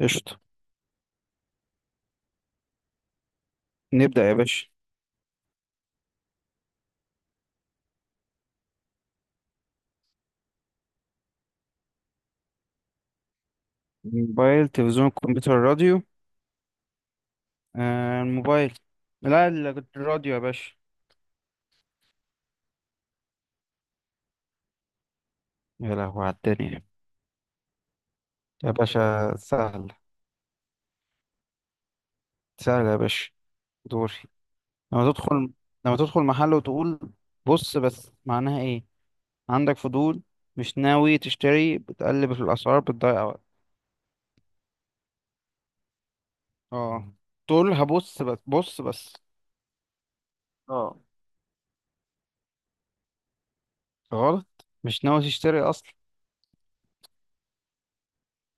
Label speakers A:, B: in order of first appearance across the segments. A: قشطة. نبدأ يا باشا. موبايل، تلفزيون، كمبيوتر، راديو. آه، الموبايل. لا، الراديو يا باشا. يا لهوي على الدنيا. يا باشا سهل سهل. يا باشا دوري. لما تدخل لما تدخل محل وتقول بص بس. معناها ايه؟ عندك فضول، مش ناوي تشتري، بتقلب في الأسعار، بتضيع وقت. اه، تقول هبص بس، بص بس. اه، غلط. مش ناوي تشتري أصلا.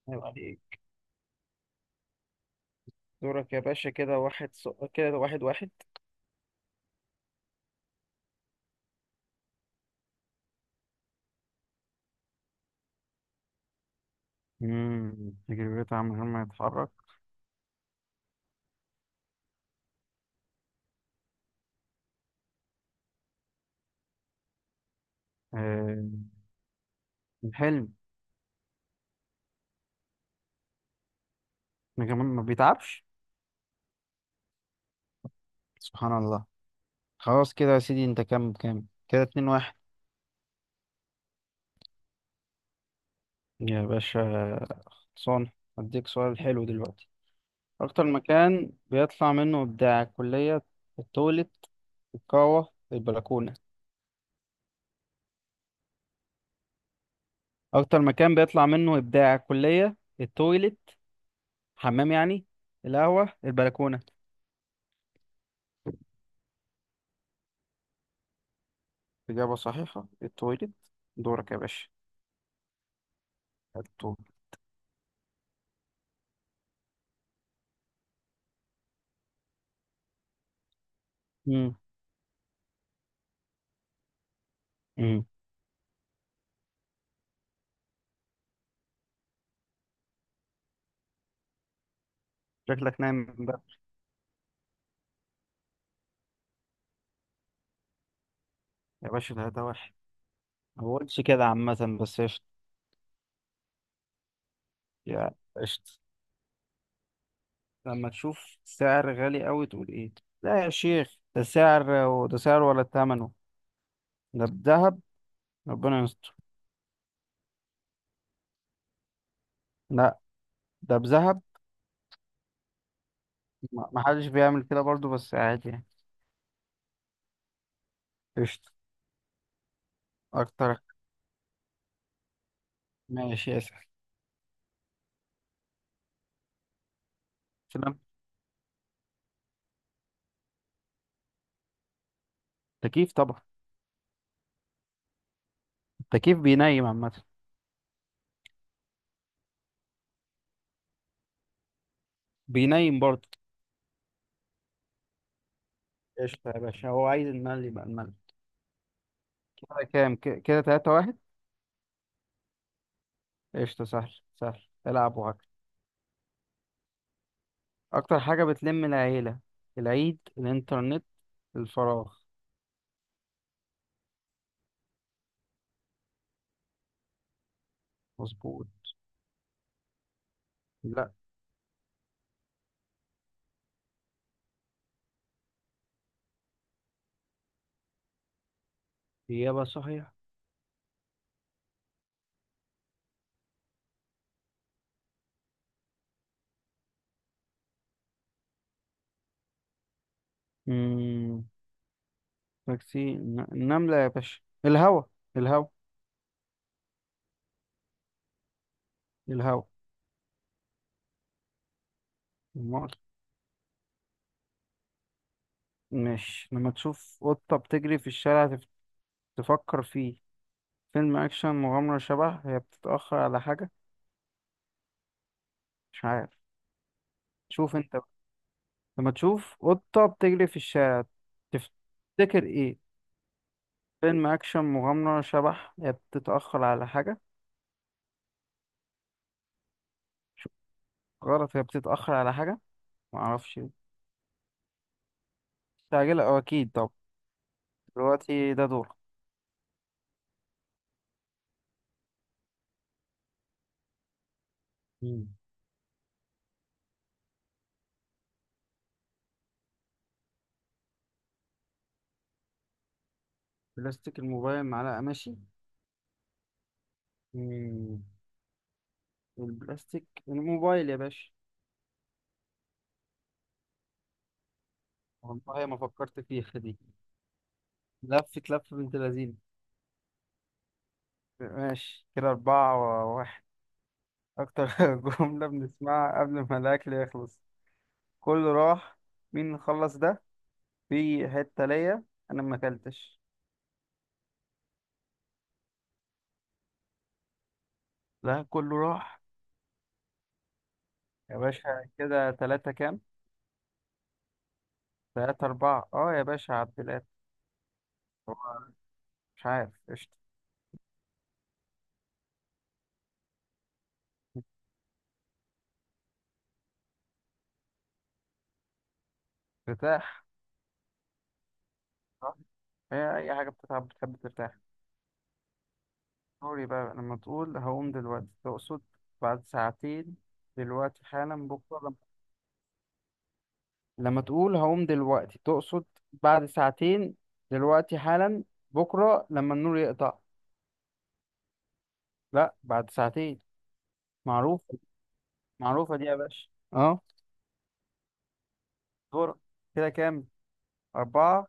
A: عيب عليك. دورك يا باشا. كده واحد واحد. تجربته عامل من غير ما يتحرك. آه. الحلم. ما كمان ما بيتعبش. سبحان الله. خلاص كده يا سيدي. انت كام كام؟ كده 2-1. يا باشا صون. اديك سؤال حلو دلوقتي. اكتر مكان بيطلع منه ابداع الكلية؟ التويلت، القهوة، البلكونة. اكتر مكان بيطلع منه ابداع الكلية؟ التويلت، حمام يعني، القهوة، البلكونة. إجابة صحيحة، التويلت. دورك يا باشا. التويلت. مم. مم. شكلك نايم بقى. يا باشا، ده وحش. ما بقولش كده عامة، بس قشطة. يا قشطة. لما تشوف سعر غالي قوي تقول ايه؟ لا يا شيخ، ده سعر، وده سعر ولا ثمنه. ده بذهب. ربنا يستر. لا، ده بذهب. ما حدش بيعمل كده برضو، بس عادي يعني. قشطة. اكتر. ماشي يا سعر. سلام. تكييف طبعا. التكييف بينيم عامة. بينيم برضه. قشطة يا باشا. هو عايز المال يبقى المال. كده كام؟ كده 3-1. قشطة، سهل سهل. العب وهكذا. اكتر حاجة بتلم العيلة؟ العيد، الانترنت، الفراغ. مظبوط. لا. اجابة صحيحة. امم تاكسي، النملة يا باشا، الهوا. الهوا. الهوا. امال. مش لما تشوف قطة بتجري في الشارع تفكر فيه؟ فيلم اكشن، مغامرة، شبح، هي بتتأخر على حاجة؟ مش عارف. شوف انت بقى. لما تشوف قطة بتجري في الشارع تفتكر ايه؟ فيلم اكشن، مغامرة، شبح، هي بتتأخر على حاجة؟ غلط، هي بتتأخر على حاجة. معرفش. مستعجلة أو أكيد طب. دلوقتي ده دور. مم. بلاستيك، الموبايل، معلقة، ماشي. مم. البلاستيك، الموبايل يا باشا. والله ما فكرت فيها دي. لفة لفة بنت لذينة. ماشي كده أربعة وواحد. أكتر جملة بنسمعها قبل ما الأكل يخلص: كله راح، مين خلص ده، في حتة ليا، أنا ما أكلتش. لا، كله راح. يا باشا كده تلاتة كام؟ 3-4. أه يا باشا عبد. هو مش عارف. قشطة. ارتاح. صح؟ هي أي حاجة بتتعب بتحب ترتاح. قولي بقى، لما تقول هقوم دلوقتي تقصد: بعد ساعتين، دلوقتي حالا، بكرة لما. لما تقول هقوم دلوقتي تقصد: بعد ساعتين، دلوقتي حالا، بكرة لما النور يقطع. لا، بعد ساعتين. معروفة. معروفة دي يا باشا. اه. دورك. كده كام؟ أربعة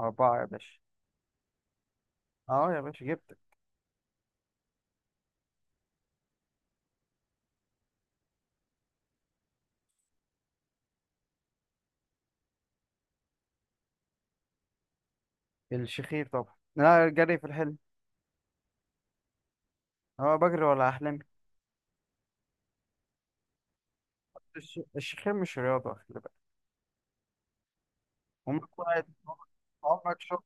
A: أربعة يا باشا. اه يا باشا جبت. الشخير طبعا. لا، جري في الحلم. اه بجري ولا أحلم. الشيخين مش رياضة، خلي بالك. عمرك واحد عمرك شفت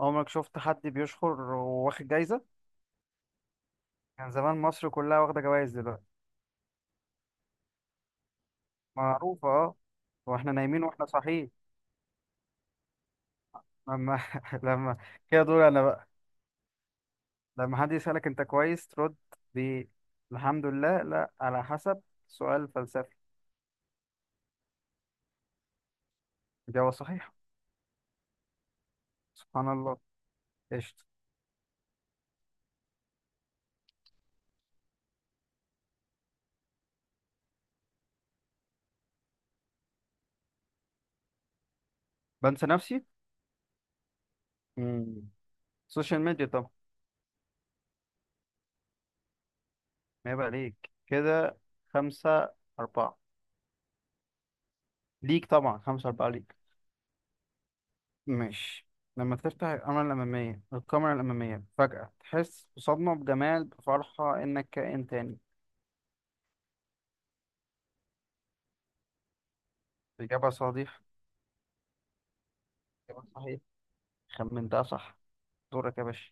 A: عمرك شفت حد بيشخر وواخد جايزة؟ كان زمان مصر كلها واخدة جوايز دلوقتي. معروفة اه. واحنا نايمين واحنا صاحيين. لما لما كده دول انا بقى. لما حد يسألك انت كويس ترد: ب الحمد لله، لا، على حسب، سؤال فلسفي. إجابة صحيحة. سبحان الله. قشطة. بنسى نفسي. مم. سوشيال ميديا طبعا. ما يبقى ليك كده 5-4. ليك طبعا. 5-4 ليك. ماشي. لما تفتح الكاميرا الأمامية، فجأة تحس بصدمة، بجمال، بفرحة، إنك كائن تاني. إجابة صحيح. إجابة صحيح. خمنتها صح. دورك يا باشا.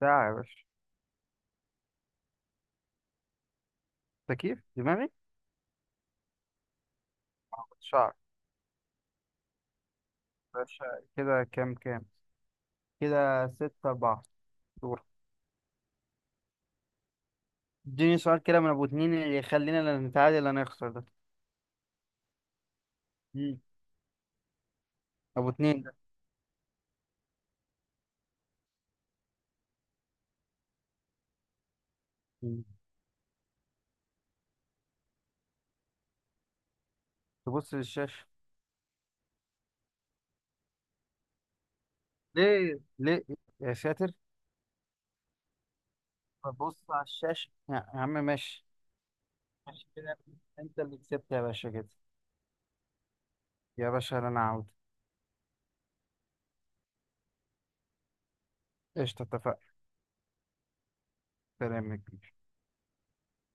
A: ساعة يا باشا. تكييف دماغي. آه، شعر. باشا كده كام كام؟ كده 6-4. دور. اديني سؤال كده من أبو اتنين، اللي يخلينا لا نتعادل لا نخسر ده. مم. أبو اتنين ده. مم. تبص للشاشة. ليه ليه؟ يا ساتر. ببص على الشاشة يا عم. ماشي. ماشي كده. انت اللي كسبت يا باشا كده. يا باشا انا عاود. قشطة، اتفقنا. سلام.